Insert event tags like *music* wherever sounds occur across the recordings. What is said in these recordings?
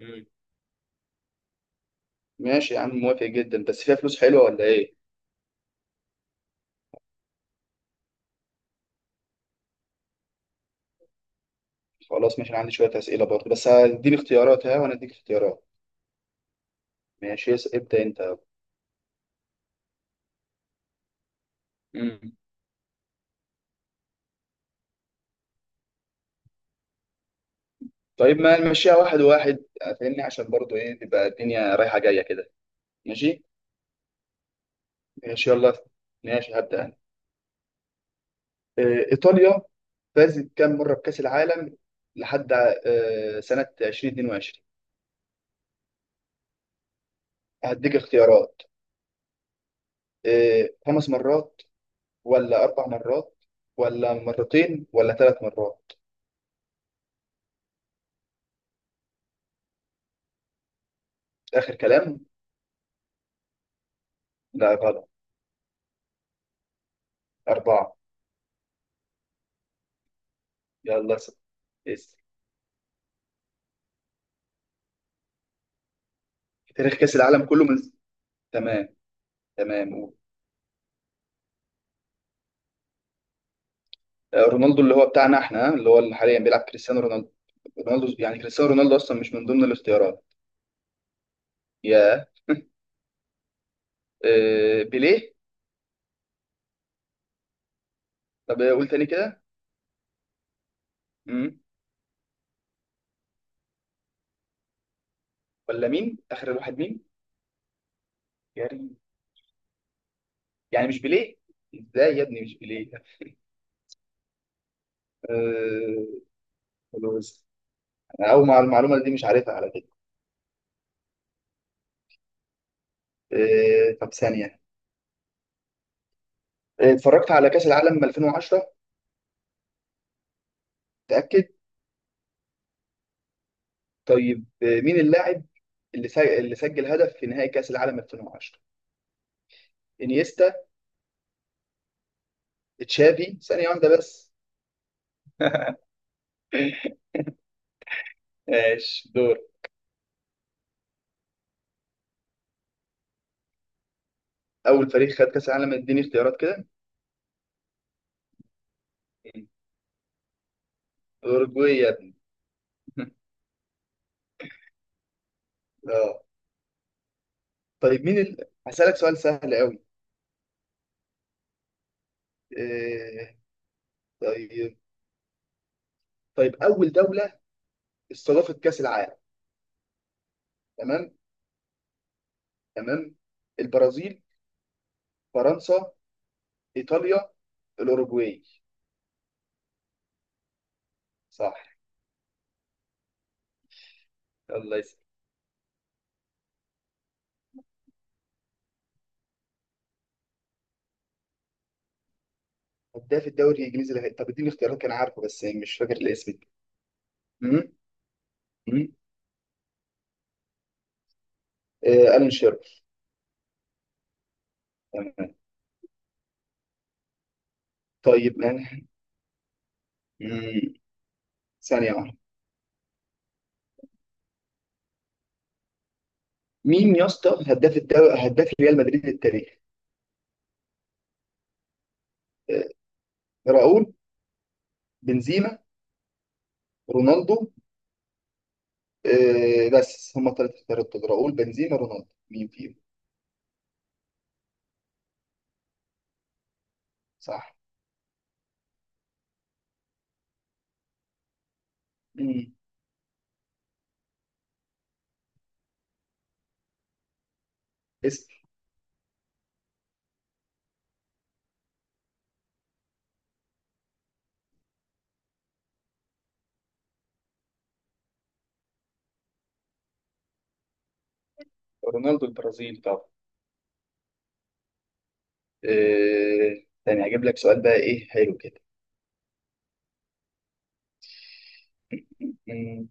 مم. ماشي يا عم، موافق جدا، بس فيها فلوس حلوه ولا ايه؟ خلاص، ماشي، انا عندي شويه اسئله برضه، بس هديني اختيارات، ها، وانا اديك اختيارات. ماشي. ابدا انت. مم. طيب، ما نمشيها واحد واحد، فاهمني؟ عشان برضه ايه، تبقى الدنيا رايحه جايه كده. ماشي ماشي يلا. ماشي، هبدا انا. ايطاليا فازت كام مره بكاس العالم لحد سنه 2022؟ هديك اختيارات. خمس مرات، ولا اربع مرات، ولا مرتين، ولا ثلاث مرات؟ اخر كلام. لا، غلط. أربعة. يلا س- اس في تاريخ كأس العالم كله، من... تمام. تمام، قول. رونالدو، اللي هو بتاعنا احنا، اللي هو اللي حاليا بيلعب، كريستيانو رونالدو. رونالدو يعني كريستيانو رونالدو أصلا مش من ضمن الاختيارات. يا بيليه. طب قول تاني كده. مم. ولا مين آخر واحد، مين؟ كريم. يعني مش بيليه؟ ازاي يا ابني مش بيليه؟ آه، خلاص. أنا أول مع المعلومة دي، مش عارفها على فكرة. طب ثانية. اتفرجت على كأس العالم 2010. متأكد. طيب، مين اللاعب اللي سجل هدف في نهائي كأس العالم 2010؟ انيستا. تشافي. ثانية واحدة بس. *laughs* ماشي، دور. اول فريق خد كأس العالم؟ اديني اختيارات كده. اوروجواي يا ابني. *laughs* اه. طيب، مين ال... هسألك سؤال سهل قوي. آه... طيب. طيب، اول دولة استضافت كأس العالم. تمام. تمام. البرازيل. فرنسا. ايطاليا. الاوروجواي. صح. الله يسلمك. هداف الدوري الانجليزي طب اديني اختيارات، كان عارفه بس مش فاكر الاسم. مم. مم. آه، ألان شيرر. تمام. طيب مم. ثانية واحدة. مين يا اسطى هداف الدوري، هداف ريال مدريد التاريخ؟ آه، راؤول. بنزيما. رونالدو. بس هم الثلاثة اختيارات دول، راؤول، بنزيما، رونالدو، مين فيهم؟ صح. مم. اسم. رونالدو البرازيلي طبعا. تاني هجيب لك سؤال بقى، ايه؟ حلو كده. مم.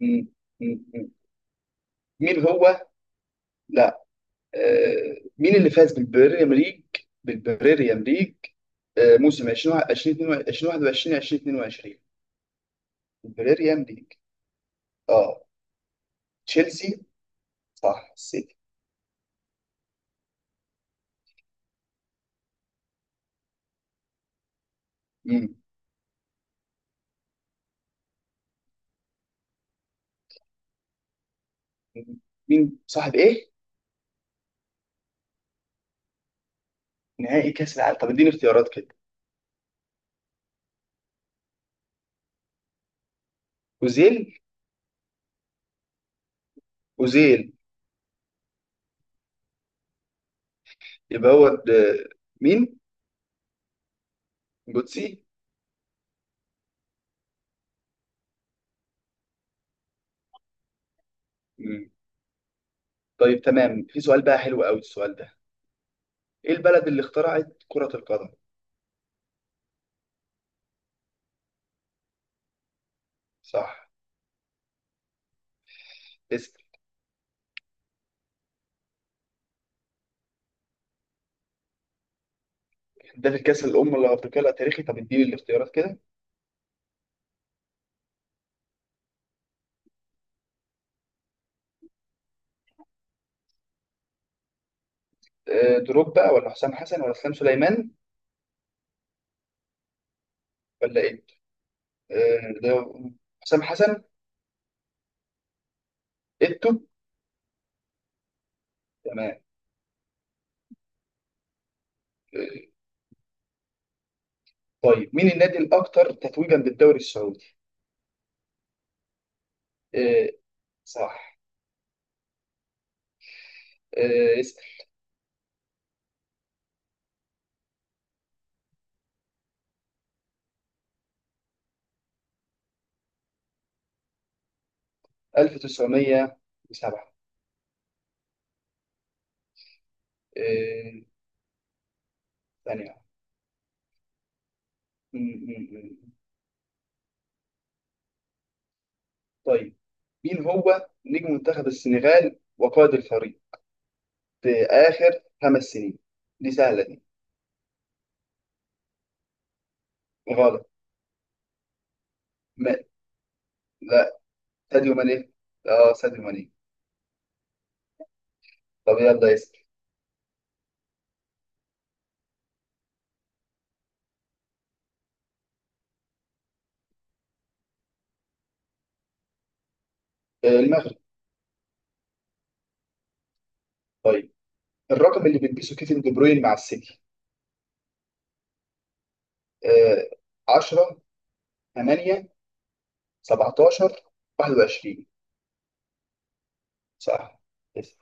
مم. مم. مم. مين هو، مين اللي فاز بالبريمير ليج، بالبريمير ليج موسم 20 2021 2022؟ البريمير ليج. اه. تشيلسي. صح، السيتي. مم. مين صاحب ايه؟ نهائي كاس العالم، طب اديني اختيارات كده. اوزيل. اوزيل. يبقى هو د- مين؟ جوتسي. مم. طيب تمام، في سؤال بقى حلو قوي السؤال ده. ايه البلد اللي اخترعت كرة القدم؟ صح. اسم. ده في الكاس الأمم الأفريقية التاريخي، طب اديني الاختيارات كده. دروب بقى، ولا حسام حسن، ولا اسلام سليمان، ولا ايه؟ ده حسام حسن. ايتو. تمام. آه، طيب، مين النادي الاكثر تتويجا بالدوري السعودي؟ آه، صح. اسال. 1907. آه، ثانية. م- م- م. طيب، مين هو نجم منتخب السنغال وقائد الفريق في آخر 5 سنين؟ دي سهلة دي. غلط. ما... لا. ساديو ماني. اه، ساديو ماني. طب يلا اسال. المغرب. طيب، الرقم اللي بيلبسه كيفن دي بروين مع السيتي. آه 10، 8، 17، 21. صح. يس.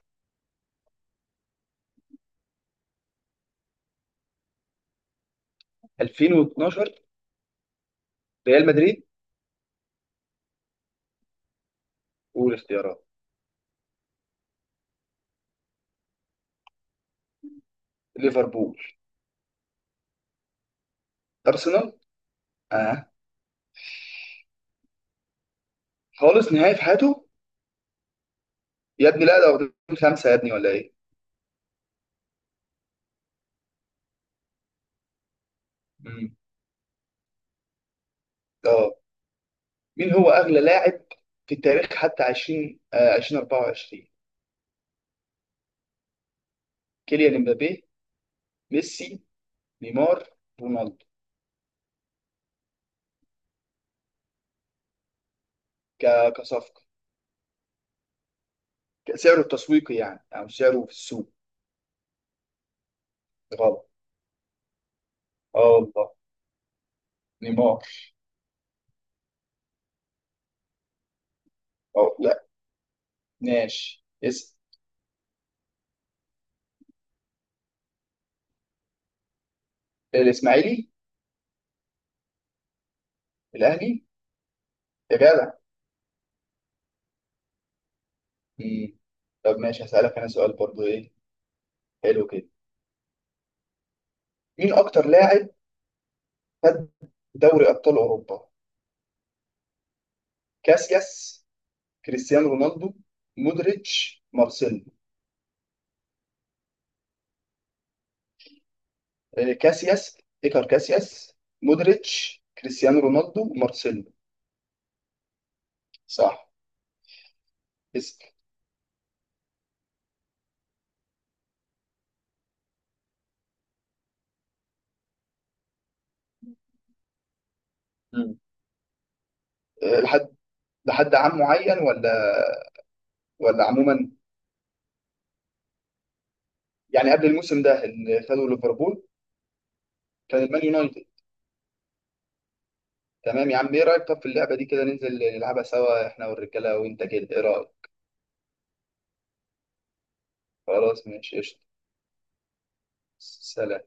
2012. ريال مدريد. والاختيارات؟ ليفربول. ارسنال. اه، خالص، نهائي في حياته. يا ابني لا، ده واخدين خمسه يا ابني ولا ايه؟ مم. اه. مين هو اغلى لاعب في التاريخ حتى 20 آه 2024؟ كيليان امبابي. ميسي. نيمار. رونالدو. كصفقه. سعره التسويقي يعني، او سعره في السوق. غلط. اه والله. نيمار. أو لا. ماشي. الإسماعيلي. الأهلي. يا جدع. مم. طب ماشي، هسألك أنا سؤال برضو، إيه؟ حلو كده. مين أكتر لاعب خد دوري أبطال أوروبا؟ كاسياس. كريستيانو رونالدو. مودريتش. مارسيلو. كاسياس. إيكار كاسياس. مودريتش، كريستيانو رونالدو، مارسيلو. صح. اسأل. مم. آه، لحد لحد عام معين، ولا عموما؟ يعني قبل الموسم ده اللي خده ليفربول. كان المان يونايتد. تمام يا عم، ايه رايك؟ طب في اللعبه دي كده، ننزل نلعبها سوا، احنا والرجاله وانت كده، ايه رايك؟ خلاص، ماشي قشطه. سلام